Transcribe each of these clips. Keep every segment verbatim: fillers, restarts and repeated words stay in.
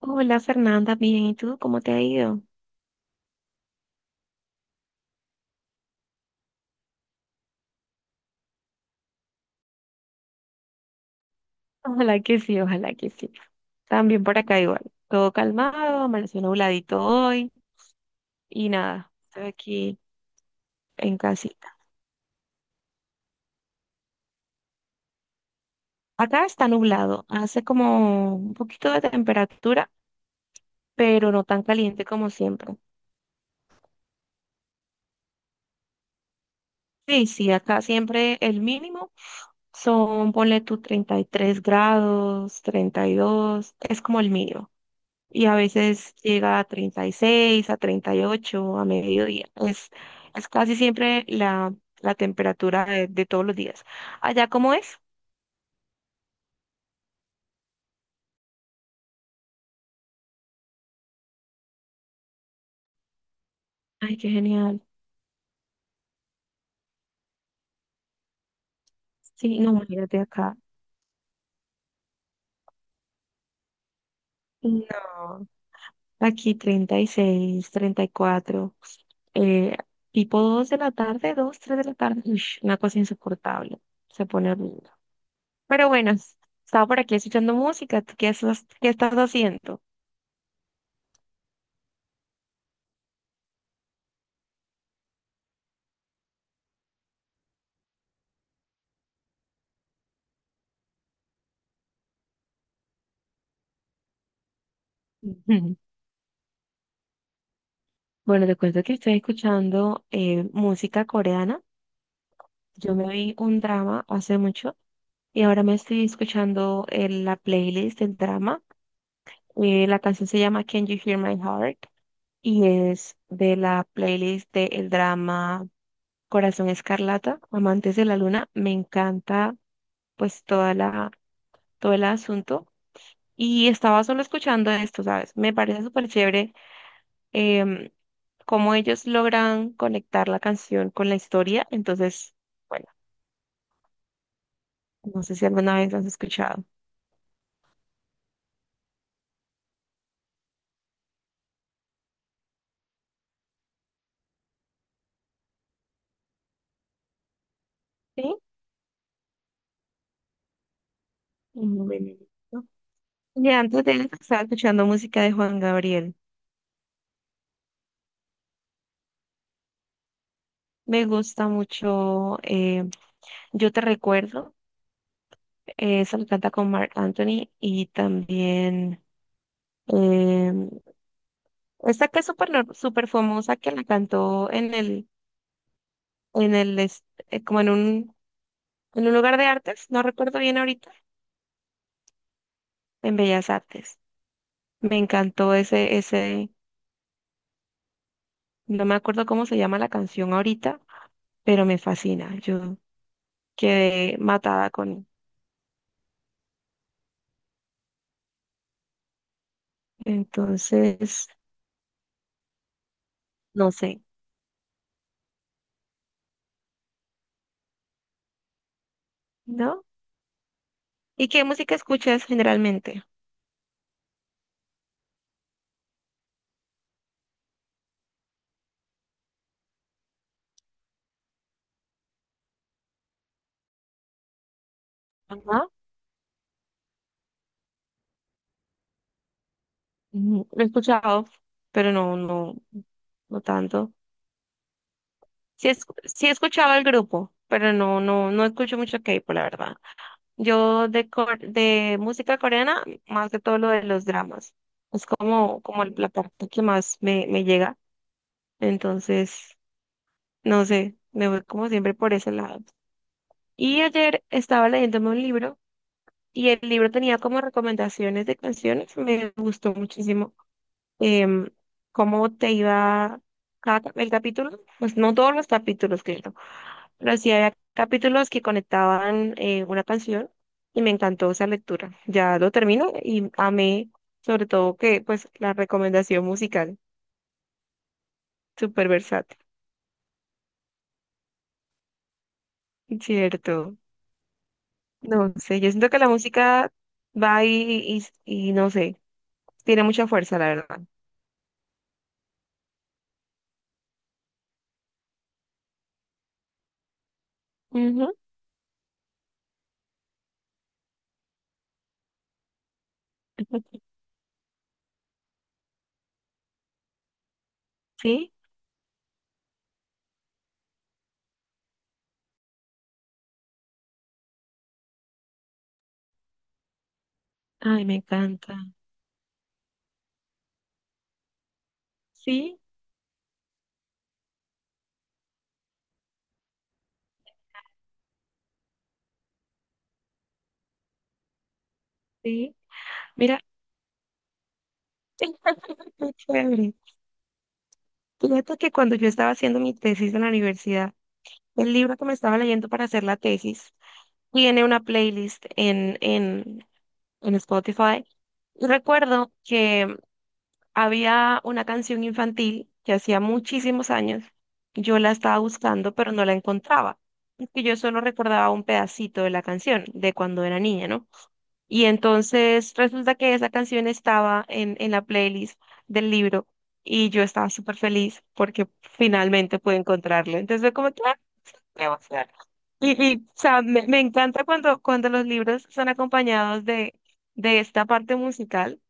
Hola Fernanda, bien, ¿y tú cómo te ha ido? Ojalá que sí, ojalá que sí. También por acá igual. Todo calmado, amaneció nubladito hoy y nada, estoy aquí en casita. Acá está nublado, hace como un poquito de temperatura, pero no tan caliente como siempre. Sí, sí, acá siempre el mínimo son, ponle tú treinta y tres grados, treinta y dos, es como el mínimo. Y a veces llega a treinta y seis a treinta y ocho a mediodía. Es, es casi siempre la, la temperatura de, de todos los días. ¿Allá cómo es? Ay, qué genial. Sí, no, imagínate acá. No, aquí treinta treinta y seis treinta y cuatro, eh, tipo dos de la tarde, dos tres de la tarde. Ush, una cosa insoportable. Se pone horrible. Pero bueno, estaba por aquí escuchando música. ¿Tú qué estás, qué estás haciendo? Bueno, te cuento que estoy escuchando eh, música coreana. Yo me vi un drama hace mucho y ahora me estoy escuchando el- la playlist del drama. Eh, la canción se llama Can You Hear My Heart y es de la playlist del drama Corazón Escarlata, Amantes de la Luna. Me encanta pues toda la, todo el asunto. Y estaba solo escuchando esto, ¿sabes? Me parece súper chévere cómo ellos logran conectar la canción con la historia. Entonces, bueno, no sé si alguna vez lo has escuchado. Sí. Un momentito. Y antes de eso estaba escuchando música de Juan Gabriel. Me gusta mucho, eh, Yo te recuerdo. eh, Esa lo canta con Marc Anthony y también eh, esta que es súper nor- súper famosa que la cantó en el, en el, est- eh, como en un, en un lugar de artes, no recuerdo bien ahorita, en Bellas Artes. Me encantó ese, ese, no me acuerdo cómo se llama la canción ahorita, pero me fascina. Yo quedé matada con él. Entonces, no sé, ¿no? ¿Y qué música escuchas generalmente? Ajá. Mm, Lo he escuchado, pero no, no, no tanto. Sí, es, sí escuchaba el grupo, pero no, no, no escucho mucho K-pop, la verdad. Yo de, cor- de música coreana, más que todo lo de los dramas. Es como, como la parte que más me, me llega. Entonces, no sé, me voy como siempre por ese lado. Y ayer estaba leyéndome un libro y el libro tenía como recomendaciones de canciones. Me gustó muchísimo, em, cómo te iba cada, cap- el capítulo. Pues no todos los capítulos, claro, pero sí había capítulos que conectaban eh, una canción y me encantó esa lectura. Ya lo termino y amé sobre todo que pues la recomendación musical, súper versátil, ¿cierto? No sé, yo siento que la música va ahí y, y no sé, tiene mucha fuerza, la verdad. Ujú. Sí, ay, me encanta. Sí, sí. Mira, qué chévere. Fíjate que cuando yo estaba haciendo mi tesis en la universidad, el libro que me estaba leyendo para hacer la tesis tiene una playlist en, en, en Spotify. Y recuerdo que había una canción infantil que hacía muchísimos años. Yo la estaba buscando, pero no la encontraba. Porque yo solo recordaba un pedacito de la canción, de cuando era niña, ¿no? Y entonces resulta que esa canción estaba en, en la playlist del libro y yo estaba súper feliz porque finalmente pude encontrarla. Entonces fue como que, "Ah, qué emoción". Y, y, o sea, me, me encanta cuando, cuando los libros son acompañados de, de esta parte musical,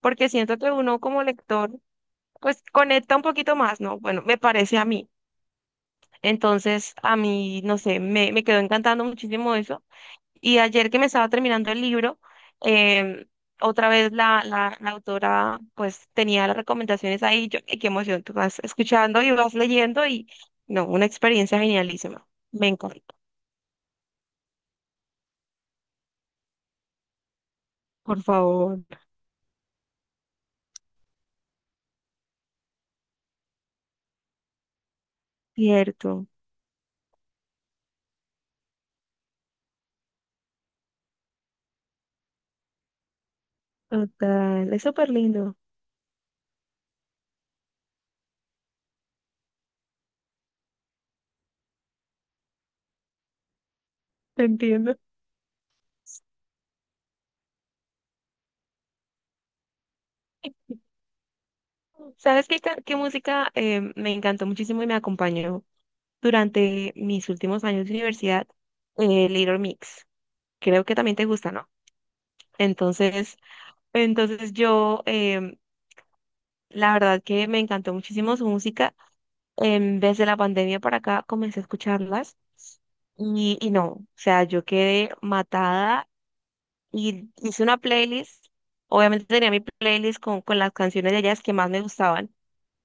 porque siento que uno como lector pues conecta un poquito más, ¿no? Bueno, me parece a mí. Entonces, a mí, no sé, me, me quedó encantando muchísimo eso. Y ayer que me estaba terminando el libro, em, otra vez la, la, la autora pues tenía las recomendaciones ahí. Y yo, "Ay, qué emoción, tú vas escuchando y vas leyendo y no, una experiencia genialísima". Me encanta. Por favor, cierto. Total, es súper lindo. Te entiendo. ¿Sabes qué, ca- qué música em, me encantó muchísimo y me acompañó durante mis últimos años de universidad? eh, Little Mix. Creo que también te gusta, ¿no? Entonces, entonces yo, em, la verdad que me encantó muchísimo su música. En vez de la pandemia para acá, comencé a escucharlas y, y no, o sea, yo quedé matada y hice una playlist. Obviamente tenía mi playlist con, con las canciones de ellas que más me gustaban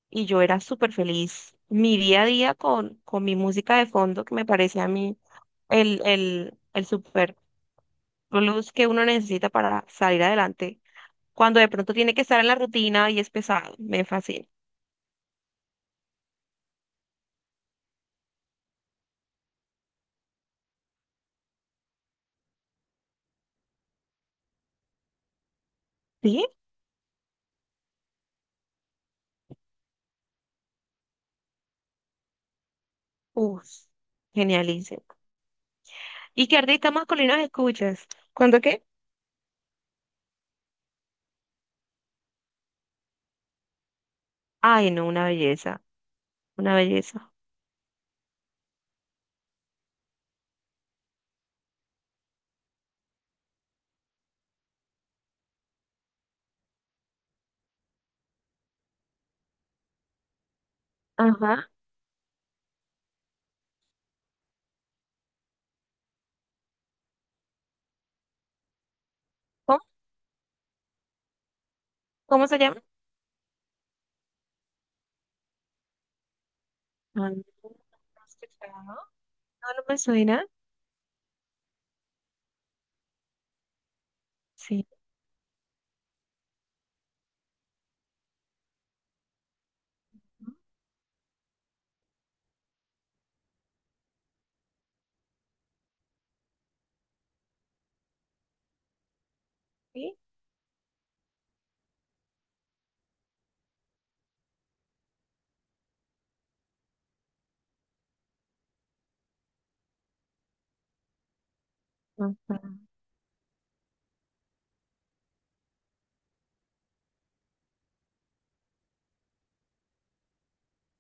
y yo era súper feliz. Mi día a día con, con mi música de fondo, que me parecía a mí el, el, el super plus que uno necesita para salir adelante cuando de pronto tiene que estar en la rutina y es pesado. Me fascina. ¿Sí? Uf, genialísimo. ¿Y qué artistas masculinos escuchas? ¿Cuándo qué? Ay, no, una belleza, una belleza. Ajá. ¿Cómo? ¿Cómo se llama? Ah, no, no he escuchado. No, no me suena. Sí. Sí. Ajá.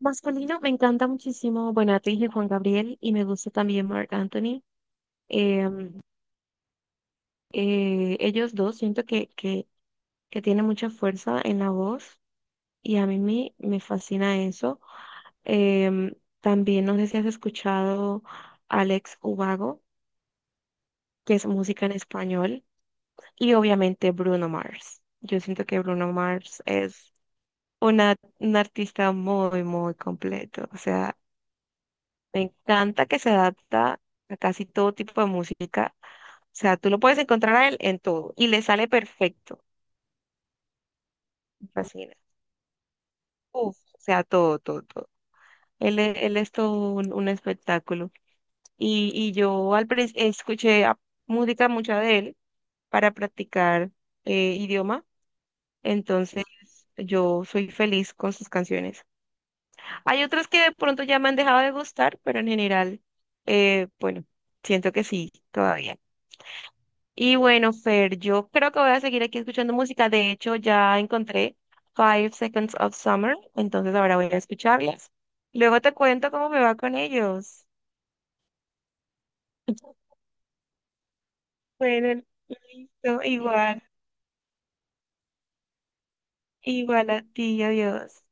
Masculino, me encanta muchísimo. Bueno, te dije Juan Gabriel y me gusta también Marc Anthony. Eh, ellos dos siento que, que, que tiene mucha fuerza en la voz y a mí me, me fascina eso. Em, También no sé si has escuchado Alex Ubago, que es música en español, y obviamente Bruno Mars. Yo siento que Bruno Mars es una, un artista muy, muy completo. O sea, me encanta que se adapta a casi todo tipo de música. O sea, tú lo puedes encontrar a él en todo y le sale perfecto. Me fascina. Uf, o sea, todo, todo, todo. Él, e- él es todo un, un espectáculo. Y, y yo al prin- escuché a- música mucha de él para practicar eh, idioma, entonces yo soy feliz con sus canciones. Hay otras que de pronto ya me han dejado de gustar, pero en general, eh, bueno, siento que sí, todavía. Y bueno, Fer, yo creo que voy a seguir aquí escuchando música. De hecho, ya encontré Five Seconds of Summer, entonces ahora voy a escucharlas. Luego te cuento cómo me va con ellos. Bueno, listo, igual, igual a ti, adiós.